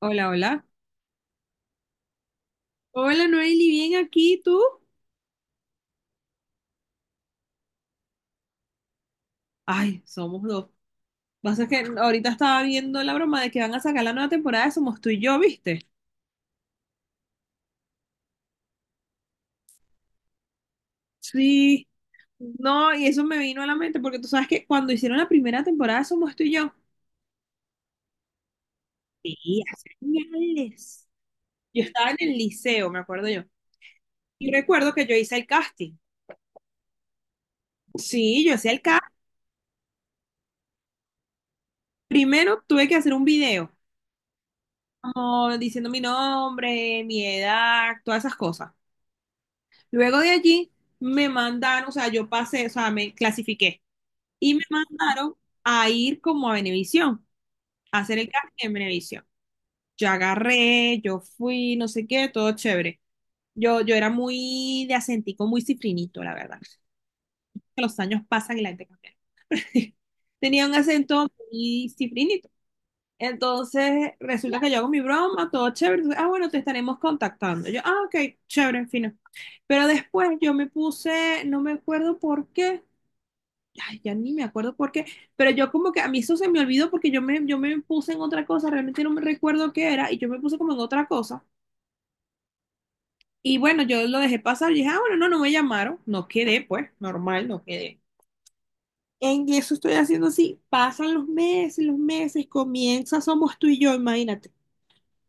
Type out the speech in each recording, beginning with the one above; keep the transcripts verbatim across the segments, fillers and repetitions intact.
Hola, hola. Hola Noeli, bien aquí, ¿tú? Ay, somos dos. Pasa que ahorita estaba viendo la broma de que van a sacar la nueva temporada de Somos Tú y Yo, ¿viste? Sí. No, y eso me vino a la mente porque tú sabes que cuando hicieron la primera temporada de Somos Tú y Yo, sí, hace años, yo estaba en el liceo, me acuerdo yo. Y recuerdo que yo hice el casting. Sí, yo hacía el casting. Primero tuve que hacer un video, como diciendo mi nombre, mi edad, todas esas cosas. Luego de allí me mandaron, o sea, yo pasé, o sea, me clasifiqué y me mandaron a ir como a Venevisión, a hacer el casting en Venevisión. Yo agarré, yo fui, no sé qué, todo chévere. Yo, yo era muy de acentico, muy cifrinito, la verdad. Que los años pasan y la gente cambia. Tenía un acento muy cifrinito. Entonces, resulta que yo hago mi broma, todo chévere. Entonces, ah, bueno, te estaremos contactando. Yo, ah, ok, chévere, fino. Pero después yo me puse, no me acuerdo por qué, ay, ya ni me acuerdo por qué, pero yo como que a mí eso se me olvidó porque yo me, yo me puse en otra cosa, realmente no me recuerdo qué era, y yo me puse como en otra cosa. Y bueno, yo lo dejé pasar y dije, ah, bueno, no, no me llamaron, no quedé, pues, normal, no quedé. En eso estoy haciendo así, pasan los meses, los meses, comienza Somos Tú y Yo, imagínate.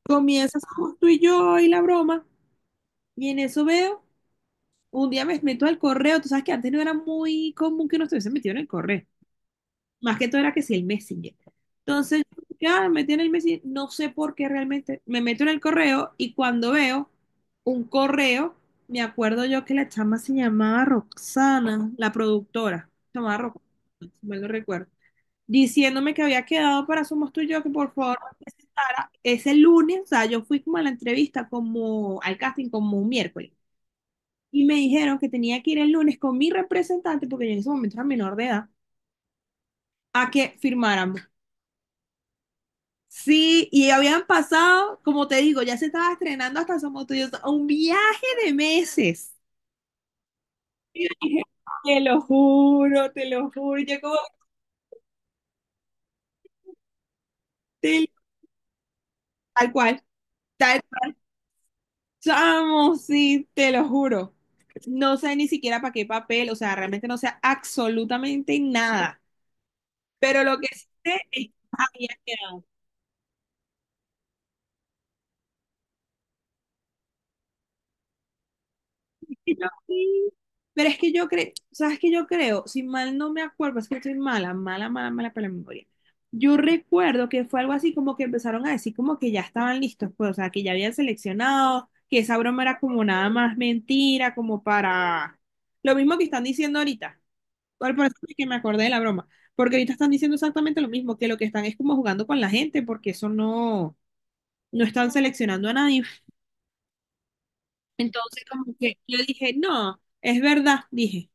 Comienza Somos Tú y Yo y la broma, y en eso veo, un día me meto al correo, tú sabes que antes no era muy común que nos estuviesen metido en el correo. Más que todo era que si el Messenger. Entonces, ya me tiene el Messenger, no sé por qué realmente. Me meto en el correo y cuando veo un correo, me acuerdo yo que la chama se llamaba Roxana, la productora, se llamaba Roxana, si mal no recuerdo, diciéndome que había quedado para Somos Tú y Yo, que por favor me presentara ese lunes, o sea, yo fui como a la entrevista, como al casting, como un miércoles. Y me dijeron que tenía que ir el lunes con mi representante, porque yo en ese momento era menor de edad, a que firmaran. Sí, y habían pasado, como te digo, ya se estaba estrenando hasta Somos Tuyos, un viaje de meses. Dije, te lo juro, te lo juro. Yo como, te- tal cual, tal, chamo, sí, te lo juro. No sé ni siquiera para qué papel, o sea, realmente no sé absolutamente nada. Pero lo que sí sé es que había quedado. Que yo sí. Pero es que yo creo, ¿sabes que yo creo? Si mal no me acuerdo, es que estoy mala, mala, mala, mala para la memoria. Yo recuerdo que fue algo así como que empezaron a decir como que ya estaban listos, pues, o sea, que ya habían seleccionado, que esa broma era como nada más mentira, como para lo mismo que están diciendo ahorita. Por por eso es que me acordé de la broma, porque ahorita están diciendo exactamente lo mismo, que lo que están es como jugando con la gente, porque eso no, no están seleccionando a nadie. Entonces, como que yo dije, no, es verdad, dije.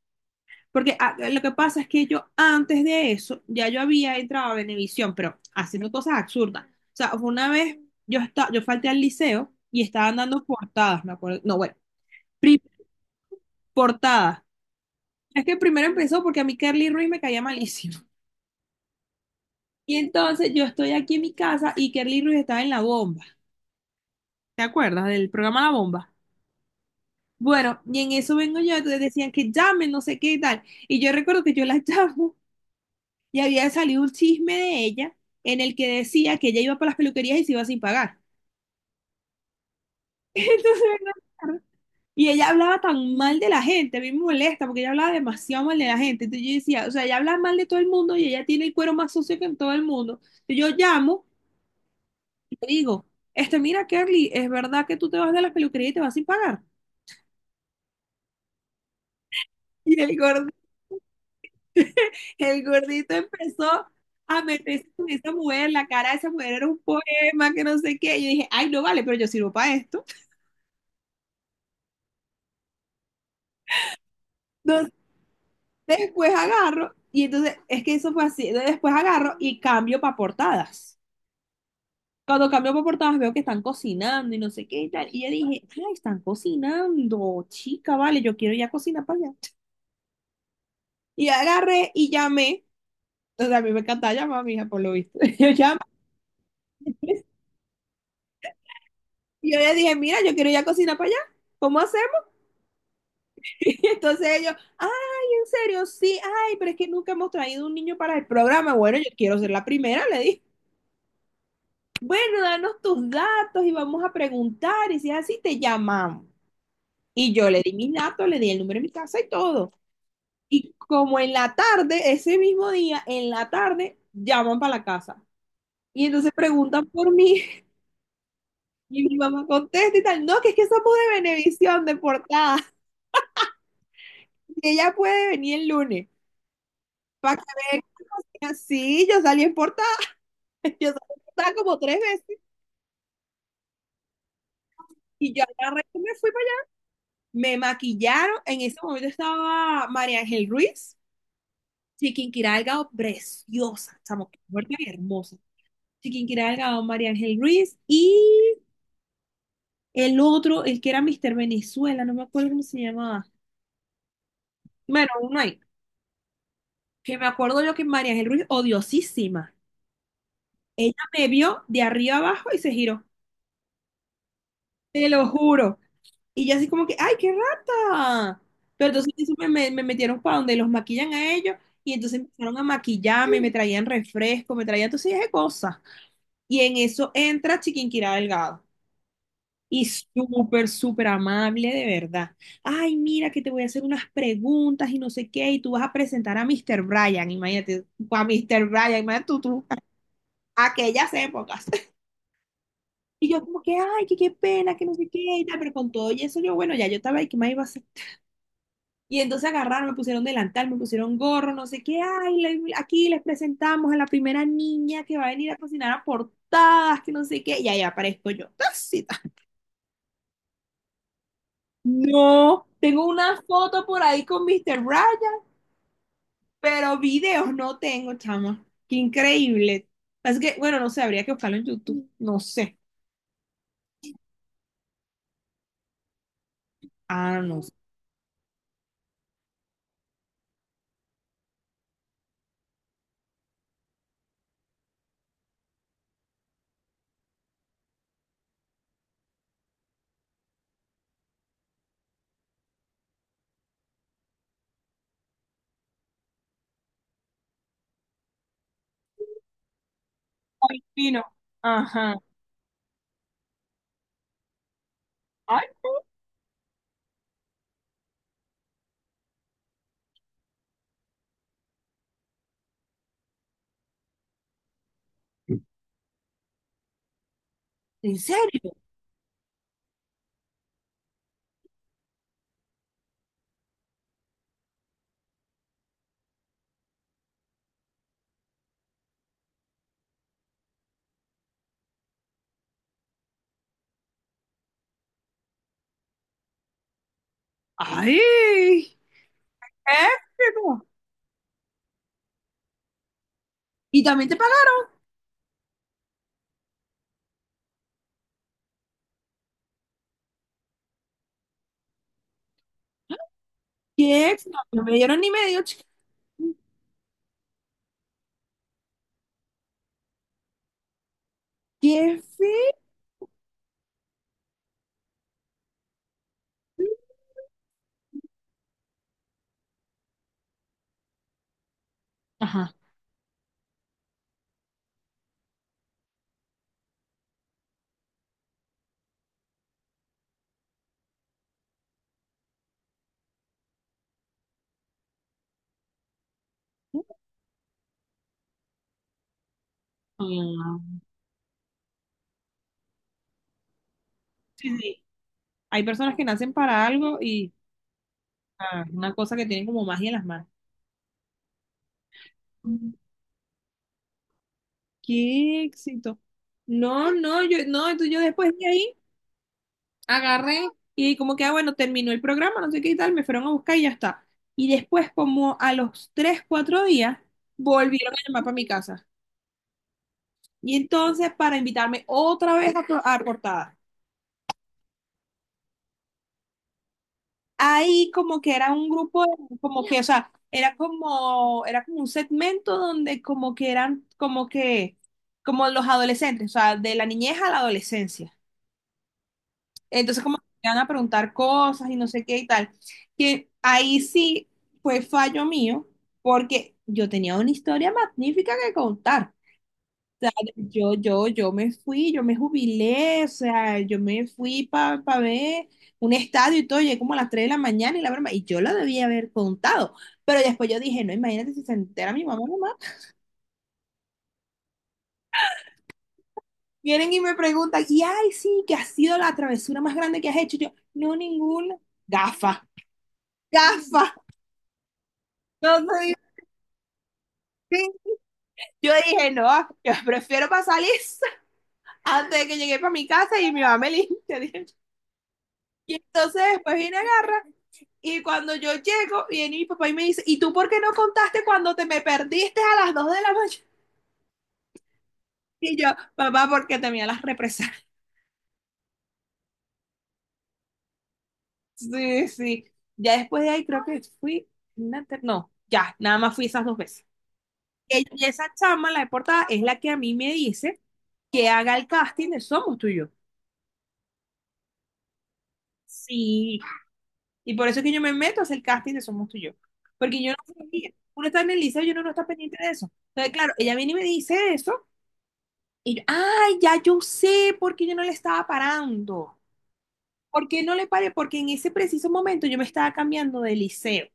Porque ah, lo que pasa es que yo antes de eso, ya yo había entrado a Venevisión, pero haciendo cosas absurdas. O sea, fue una vez yo, esta- yo falté al liceo y estaban dando portadas, me acuerdo. No, bueno, pri- portadas. Es que primero empezó porque a mí Kerly Ruiz me caía malísimo. Y entonces yo estoy aquí en mi casa y Kerly Ruiz estaba en La Bomba. ¿Te acuerdas del programa La Bomba? Bueno, y en eso vengo yo, entonces decían que llamen, no sé qué y tal. Y yo recuerdo que yo la llamo y había salido un chisme de ella en el que decía que ella iba para las peluquerías y se iba sin pagar. Entonces, vengo a- y ella hablaba tan mal de la gente, a mí me molesta porque ella hablaba demasiado mal de la gente. Entonces yo decía, o sea, ella habla mal de todo el mundo y ella tiene el cuero más sucio que en todo el mundo. Y yo llamo y le digo, este, mira, Kerly, ¿es verdad que tú te vas de las peluquerías y te vas sin pagar? Y el gordito, el gordito empezó a meterse con esa mujer, la cara de esa mujer era un poema, que no sé qué. Y yo dije, ay, no vale, pero yo sirvo para esto. No, después agarro, y entonces es que eso fue así. Entonces, después agarro y cambio para portadas. Cuando cambio para portadas veo que están cocinando y no sé qué y tal. Y yo dije, ay, están cocinando, chica, vale, yo quiero ya cocinar para allá. Y agarré y llamé. Entonces a mí me encanta llamar, mija, por lo visto. Yo llamo y yo le dije, mira, yo quiero ya cocinar para allá. ¿Cómo hacemos? Y entonces ellos, ay, en serio, sí, ay, pero es que nunca hemos traído un niño para el programa. Bueno, yo quiero ser la primera, le dije. Bueno, danos tus datos y vamos a preguntar. Y si es así, te llamamos. Y yo le di mis datos, le di el número de mi casa y todo. Y como en la tarde, ese mismo día, en la tarde, llaman para la casa. Y entonces preguntan por mí. Y mi mamá contesta y tal. No, que es que somos de Benevisión, de Portada. Y ella puede venir el lunes. Para que vean que así yo salí en Portada. Yo salí en Portada como tres veces. Y yo agarré y me fui para allá. Me maquillaron. En ese momento estaba María Ángel Ruiz. Chiquinquirá Delgado, preciosa, chamo, qué mujer tan hermosa. Chiquinquirá Delgado, María Ángel Ruiz y el otro, el que era míster Venezuela, no me acuerdo cómo se llamaba. Bueno, uno ahí, que me acuerdo yo que María Ángel Ruiz, odiosísima, me vio de arriba abajo y se giró, te lo juro. Y yo así como que, ¡ay, qué rata! Pero entonces eso me, me- me metieron para donde los maquillan a ellos y entonces empezaron a maquillarme, me traían refresco, me traían todo ese de cosas. Y en eso entra Chiquinquirá Delgado. Y súper, súper amable, de verdad. Ay, mira que te voy a hacer unas preguntas y no sé qué, y tú vas a presentar a míster Bryan, imagínate, a míster Bryan, imagínate tú, tú, aquellas épocas. Y yo como que, ay, que qué pena, que no sé qué, y tal, pero con todo y eso yo, bueno, ya yo estaba ahí, ¿qué más iba a hacer? Y entonces agarraron, me pusieron delantal, me pusieron gorro, no sé qué, ay, le- aquí les presentamos a la primera niña que va a venir a cocinar a portadas, que no sé qué, y ahí aparezco yo. No, tengo una foto por ahí con míster Ryan, pero videos no tengo, chama. Qué increíble. Es que, bueno, no sé, habría que buscarlo en YouTube. No sé. Ah, no sé. Ay, fino. Ajá. Ay, ¿en serio? Ay, épico. ¿Y también te pagaron? ¿Qué? Épico. No me dieron ni medio, chica. ¿Qué feo? Ajá. Ah, sí, sí. Hay personas que nacen para algo y ah, una cosa que tienen como magia en las manos. Qué éxito. No, no, yo, no, entonces yo después de ahí agarré y como que, ah, bueno, terminó el programa, no sé qué y tal, me fueron a buscar y ya está. Y después, como a los tres, cuatro días, volvieron a llamar para mi casa. Y entonces, para invitarme otra vez a, to- a cortada. Ahí como que era un grupo, de- como que, o sea, era como, era como un segmento donde como que eran, como que, como los adolescentes, o sea, de la niñez a la adolescencia. Entonces, como que me van a preguntar cosas y no sé qué y tal. Que ahí sí fue fallo mío, porque yo tenía una historia magnífica que contar. Yo, yo, yo me fui, yo me jubilé, o sea, yo me fui para ver un estadio y todo, llegué como a las tres de la mañana y la broma, y yo lo debía haber contado. Pero después yo dije, no, imagínate si se entera mi mamá, mamá. Vienen y me preguntan, y ay, sí, ¿qué ha sido la travesura más grande que has hecho? Yo, no, ninguna. Gafa, gafa. No te Sí. Yo dije, no, yo prefiero pasar lista antes de que llegue para mi casa y mi mamá me limpia, dije. Y entonces después viene agarra y cuando yo llego, viene mi papá y me dice, ¿y tú por qué no contaste cuando te me perdiste a las dos de la mañana? Y yo, papá, porque temía las represalias. Sí, sí. Ya después de ahí creo que fui, una ter- no, ya, nada más fui esas dos veces. Y esa chama, la de portada, es la que a mí me dice que haga el casting de Somos Tú y Yo. Sí, y por eso es que yo me meto a hacer el casting de Somos Tú y Yo. Porque yo no sabía. Uno está en el liceo y uno no está pendiente de eso. Entonces, claro, ella viene y me dice eso. Y yo, ay, ya yo sé por qué yo no le estaba parando. ¿Por qué no le paré? Porque en ese preciso momento yo me estaba cambiando de liceo.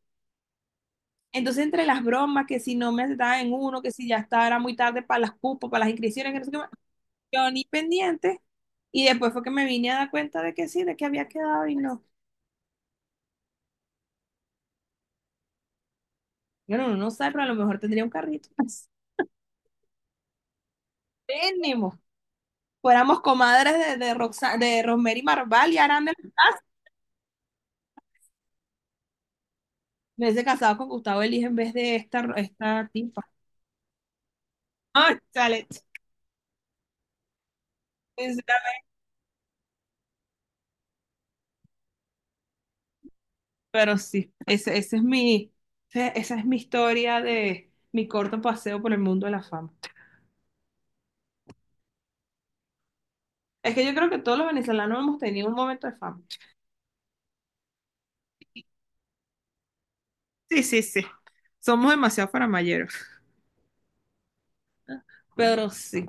Entonces, entre las bromas, que si no me aceptaban en uno, que si ya estaba era muy tarde para las cupos, para las inscripciones, que no sé qué más, yo ni pendiente. Y después fue que me vine a dar cuenta de que sí, de que había quedado y no. Bueno, uno no sabe, pero a lo mejor tendría un carrito. Tenemos. Fuéramos comadres de, de, Roxa- de Rosemary Marval y Aranda, me hubiese casado con Gustavo Elige en vez de esta, esta tipa. Ah, chale, chale, pero sí, ese, ese es mi, ese- esa es mi historia de mi corto paseo por el mundo de la fama. Es que yo creo que todos los venezolanos hemos tenido un momento de fama. Sí, sí, sí. Somos demasiado faramayeros. Pero sí.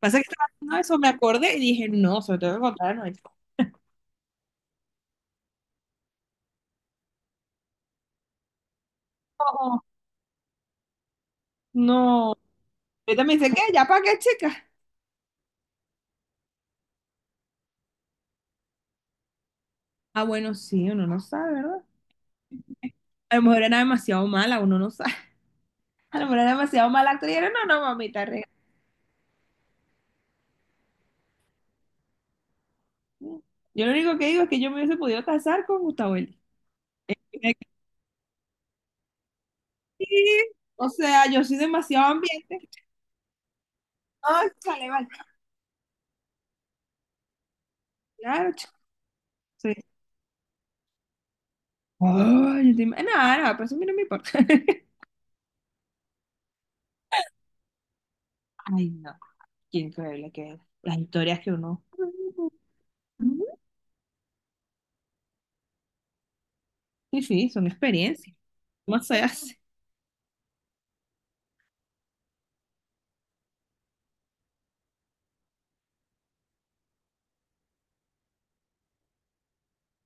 Pasa que estaba haciendo eso, me acordé y dije, no, se lo tengo que contar. No, no. No. Ahorita me dice, ¿qué? ¿Ya para qué, chica? Ah, bueno, sí, uno no sabe, ¿verdad? A lo mejor era demasiado mala, uno no sabe. A lo mejor era demasiado mala actriz, y era, no, no, mamita, regala. Yo lo único que digo es que yo me hubiese podido casar con Gustavo Eli. Sí, o sea, yo soy demasiado ambiente. Ay, vale, vale. Claro, chico. Sí. Ay, yo te ima- nada, nada, pero eso a mí no me importa. Ay, no. Qué increíble que es. Las historias que uno. Sí, sí, son experiencias. ¿Cómo se hace?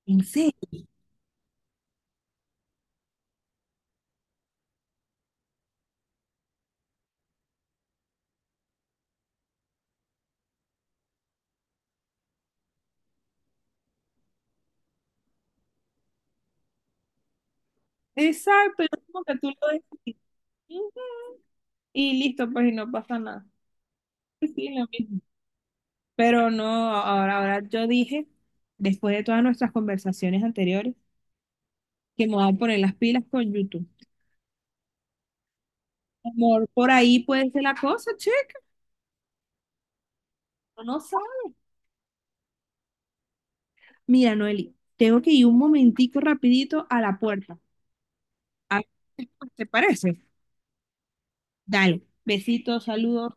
En serio. Exacto, es como que tú lo decides. Ujú. Y listo, pues, y no pasa nada. Sí, sí, lo mismo. Pero no, ahora, ahora yo dije, después de todas nuestras conversaciones anteriores, que me voy a poner las pilas con YouTube. Amor, por ahí puede ser la cosa, check. Uno no sabe. Mira, Noeli, tengo que ir un momentico rapidito a la puerta. A- ¿Te parece? Dale. Besitos, saludos.